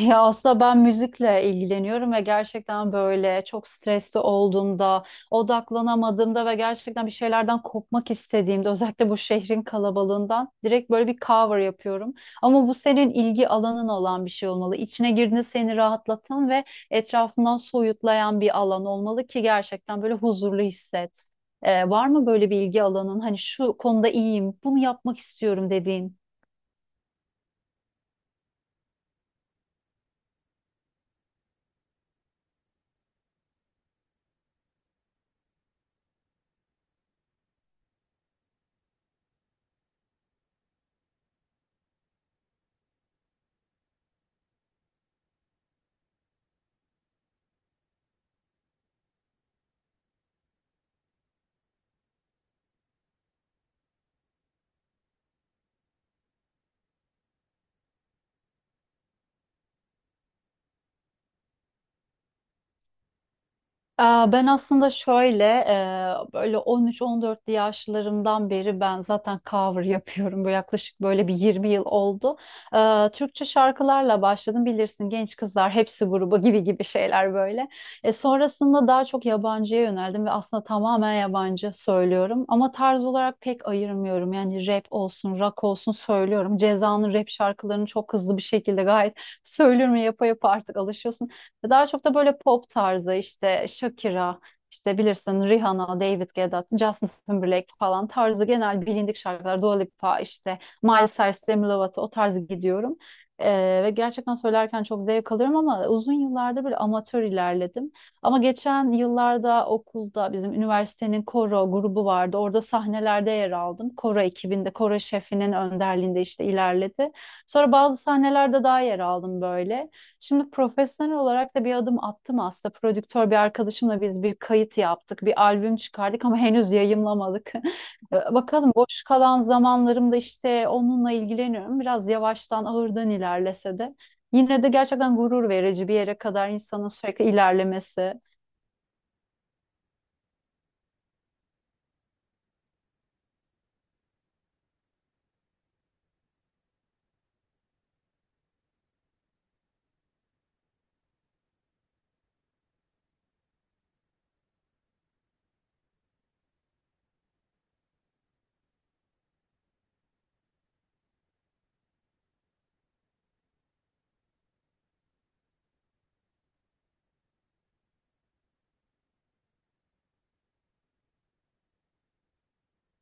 Ya aslında ben müzikle ilgileniyorum ve gerçekten böyle çok stresli olduğumda, odaklanamadığımda ve gerçekten bir şeylerden kopmak istediğimde, özellikle bu şehrin kalabalığından direkt böyle bir cover yapıyorum. Ama bu senin ilgi alanın olan bir şey olmalı. İçine girdiğinde seni rahatlatan ve etrafından soyutlayan bir alan olmalı ki gerçekten böyle huzurlu hisset. Var mı böyle bir ilgi alanın? Hani şu konuda iyiyim, bunu yapmak istiyorum dediğin? Aa, ben aslında şöyle böyle 13-14 yaşlarımdan beri ben zaten cover yapıyorum. Bu yaklaşık böyle bir 20 yıl oldu. Türkçe şarkılarla başladım, bilirsin, genç kızlar hepsi grubu gibi gibi şeyler böyle. Sonrasında daha çok yabancıya yöneldim ve aslında tamamen yabancı söylüyorum. Ama tarz olarak pek ayırmıyorum. Yani rap olsun, rock olsun söylüyorum. Ceza'nın rap şarkılarını çok hızlı bir şekilde gayet söylüyorum. Yapa yapa artık alışıyorsun. Daha çok da böyle pop tarzı işte Shakira, işte bilirsin Rihanna, David Guetta, Justin Timberlake falan tarzı genel bilindik şarkılar. Dua Lipa işte Miles Cyrus, Demi Lovato o tarzı gidiyorum. Ve gerçekten söylerken çok zevk alıyorum ama uzun yıllardır böyle amatör ilerledim. Ama geçen yıllarda okulda bizim üniversitenin koro grubu vardı. Orada sahnelerde yer aldım. Koro ekibinde, koro şefinin önderliğinde işte ilerledi. Sonra bazı sahnelerde daha yer aldım böyle. Şimdi profesyonel olarak da bir adım attım aslında. Prodüktör bir arkadaşımla biz bir kayıt yaptık, bir albüm çıkardık ama henüz yayımlamadık. Bakalım, boş kalan zamanlarımda işte onunla ilgileniyorum. Biraz yavaştan ağırdan ilerlese de. Yine de gerçekten gurur verici bir yere kadar insanın sürekli ilerlemesi.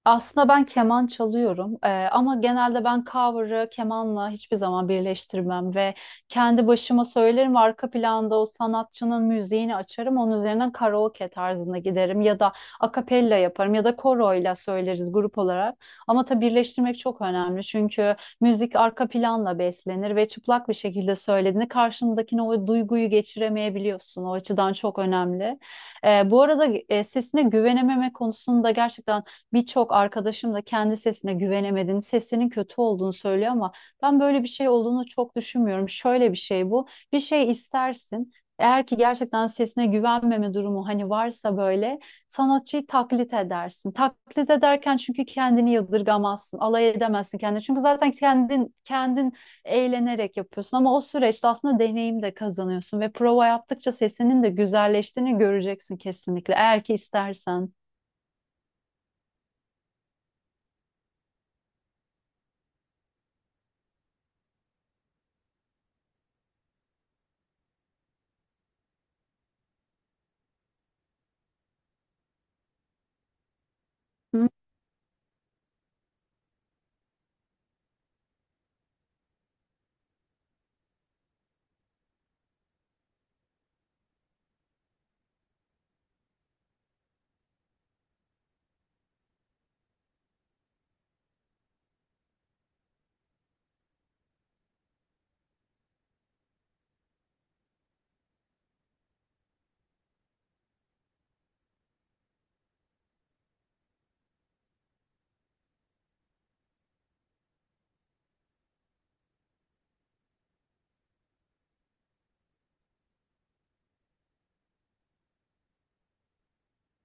Aslında ben keman çalıyorum, ama genelde ben cover'ı kemanla hiçbir zaman birleştirmem ve kendi başıma söylerim ve arka planda o sanatçının müziğini açarım, onun üzerinden karaoke tarzında giderim ya da akapella yaparım ya da koroyla söyleriz grup olarak. Ama tabii birleştirmek çok önemli, çünkü müzik arka planla beslenir ve çıplak bir şekilde söylediğinde karşındakine o duyguyu geçiremeyebiliyorsun, o açıdan çok önemli. Bu arada sesine güvenememe konusunda gerçekten birçok arkadaşım da kendi sesine güvenemediğini, sesinin kötü olduğunu söylüyor ama ben böyle bir şey olduğunu çok düşünmüyorum. Şöyle bir şey bu. Bir şey istersin. Eğer ki gerçekten sesine güvenmeme durumu hani varsa böyle sanatçıyı taklit edersin. Taklit ederken çünkü kendini yadırgamazsın, alay edemezsin kendini. Çünkü zaten kendin eğlenerek yapıyorsun ama o süreçte aslında deneyim de kazanıyorsun ve prova yaptıkça sesinin de güzelleştiğini göreceksin kesinlikle, eğer ki istersen.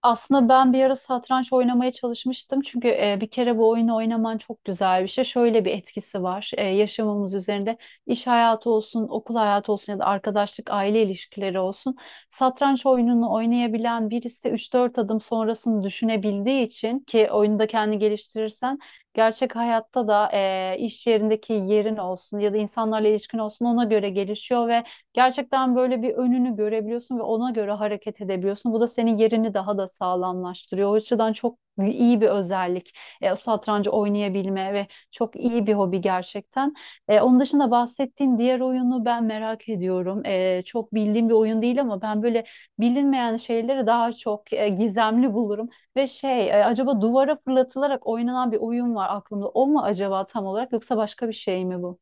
Aslında ben bir ara satranç oynamaya çalışmıştım. Çünkü bir kere bu oyunu oynaman çok güzel bir şey. Şöyle bir etkisi var. Yaşamımız üzerinde iş hayatı olsun, okul hayatı olsun ya da arkadaşlık, aile ilişkileri olsun. Satranç oyununu oynayabilen birisi üç dört adım sonrasını düşünebildiği için, ki oyunda kendi geliştirirsen gerçek hayatta da iş yerindeki yerin olsun ya da insanlarla ilişkin olsun ona göre gelişiyor. Gerçekten böyle bir önünü görebiliyorsun ve ona göre hareket edebiliyorsun. Bu da senin yerini daha da sağlamlaştırıyor. O açıdan çok iyi bir özellik. O satrancı oynayabilme ve çok iyi bir hobi gerçekten. Onun dışında bahsettiğin diğer oyunu ben merak ediyorum. Çok bildiğim bir oyun değil ama ben böyle bilinmeyen şeyleri daha çok gizemli bulurum. Ve şey, acaba duvara fırlatılarak oynanan bir oyun var aklımda. O mu acaba tam olarak, yoksa başka bir şey mi bu?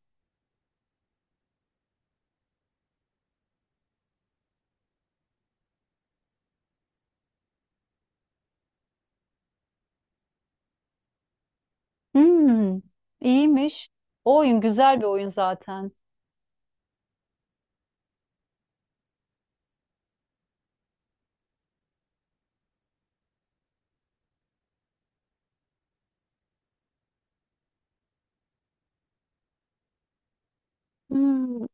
Hmm, iyiymiş. O oyun güzel bir oyun zaten. Hmm.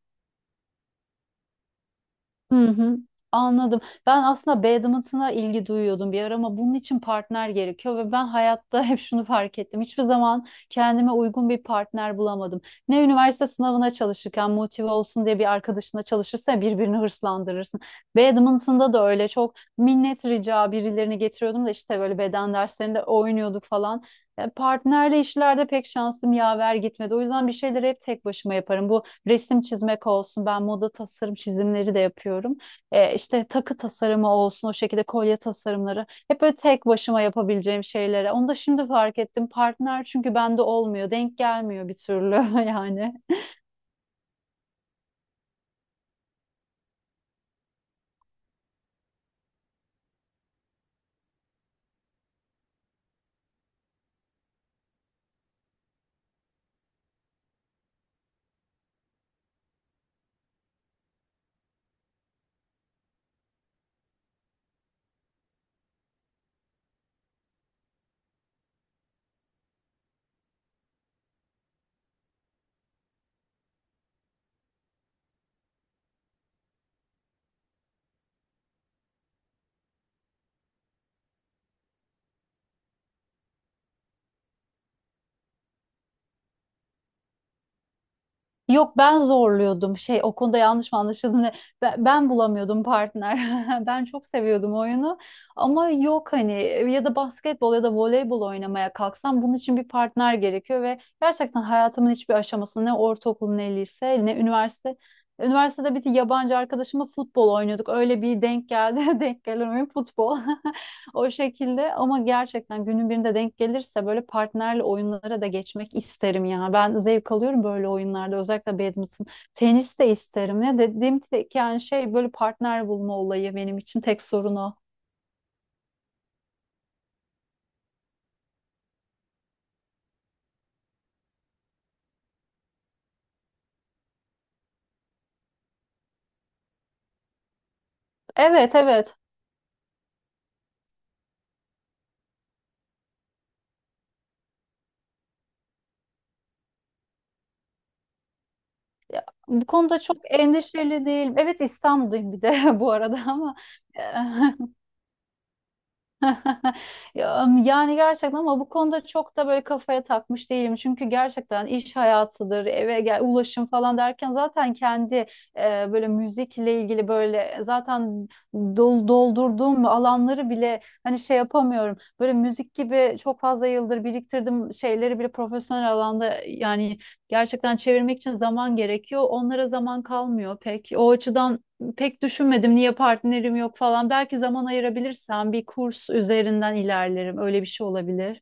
Hı hı, anladım. Ben aslında badminton'a ilgi duyuyordum bir ara ama bunun için partner gerekiyor ve ben hayatta hep şunu fark ettim. Hiçbir zaman kendime uygun bir partner bulamadım. Ne üniversite sınavına çalışırken motive olsun diye bir arkadaşına çalışırsa birbirini hırslandırırsın. Badminton'da da öyle, çok minnet rica birilerini getiriyordum da işte böyle beden derslerinde oynuyorduk falan. Partnerle işlerde pek şansım yaver gitmedi. O yüzden bir şeyleri hep tek başıma yaparım. Bu resim çizmek olsun. Ben moda tasarım çizimleri de yapıyorum. İşte takı tasarımı olsun, o şekilde kolye tasarımları. Hep böyle tek başıma yapabileceğim şeylere. Onu da şimdi fark ettim. Partner çünkü bende olmuyor. Denk gelmiyor bir türlü, yani. Yok, ben zorluyordum şey o konuda, yanlış mı anlaşıldı ne? Ben bulamıyordum partner, ben çok seviyordum oyunu ama yok hani, ya da basketbol ya da voleybol oynamaya kalksam bunun için bir partner gerekiyor ve gerçekten hayatımın hiçbir aşamasında, ne ortaokul ne lise ne üniversite. Üniversitede bir yabancı arkadaşımla futbol oynuyorduk, öyle bir denk geldi. Denk gelen oyun futbol. O şekilde. Ama gerçekten günün birinde denk gelirse böyle partnerle oyunlara da geçmek isterim ya. Ben zevk alıyorum böyle oyunlarda, özellikle badminton. Tenis de isterim ya. Dediğim tek yani şey böyle partner bulma olayı, benim için tek sorun o. Evet, evet. Bu konuda çok endişeli değilim. Evet, İstanbul'dayım bir de bu arada, ama. Ya, yani gerçekten, ama bu konuda çok da böyle kafaya takmış değilim. Çünkü gerçekten iş hayatıdır, eve gel, ulaşım falan derken zaten kendi böyle müzikle ilgili böyle zaten doldurduğum alanları bile hani şey yapamıyorum. Böyle müzik gibi çok fazla yıldır biriktirdim şeyleri bile profesyonel alanda yani gerçekten çevirmek için zaman gerekiyor. Onlara zaman kalmıyor pek. O açıdan pek düşünmedim niye partnerim yok falan. Belki zaman ayırabilirsem bir kurs üzerinden ilerlerim. Öyle bir şey olabilir.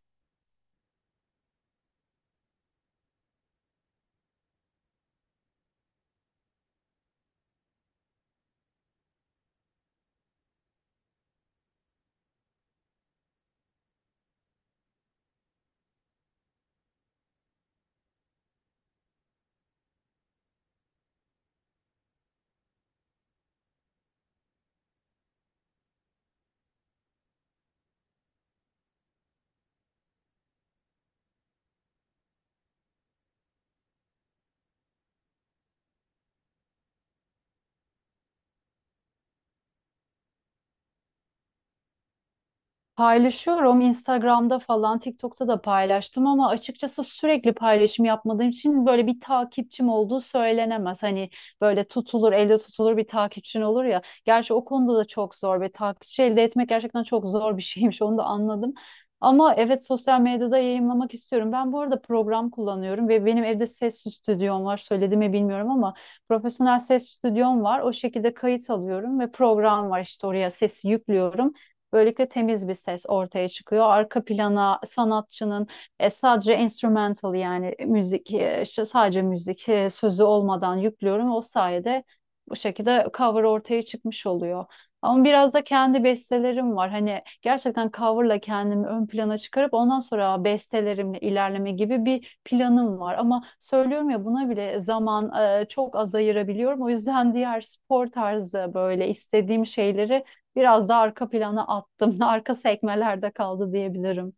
Paylaşıyorum Instagram'da falan, TikTok'ta da paylaştım ama açıkçası sürekli paylaşım yapmadığım için böyle bir takipçim olduğu söylenemez. Hani böyle tutulur, elde tutulur bir takipçin olur ya. Gerçi o konuda da çok zor ve takipçi elde etmek gerçekten çok zor bir şeymiş, onu da anladım. Ama evet, sosyal medyada yayınlamak istiyorum. Ben bu arada program kullanıyorum ve benim evde ses stüdyom var. Söyledi mi bilmiyorum ama profesyonel ses stüdyom var. O şekilde kayıt alıyorum ve program var, işte oraya sesi yüklüyorum. Böylelikle temiz bir ses ortaya çıkıyor. Arka plana sanatçının sadece instrumental, yani müzik, işte sadece müzik, sözü olmadan yüklüyorum. O sayede bu şekilde cover ortaya çıkmış oluyor. Ama biraz da kendi bestelerim var. Hani gerçekten coverla kendimi ön plana çıkarıp ondan sonra bestelerimle ilerleme gibi bir planım var. Ama söylüyorum ya, buna bile zaman çok az ayırabiliyorum. O yüzden diğer spor tarzı böyle istediğim şeyleri biraz da arka plana attım. Arka sekmelerde kaldı diyebilirim.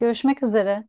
Görüşmek üzere.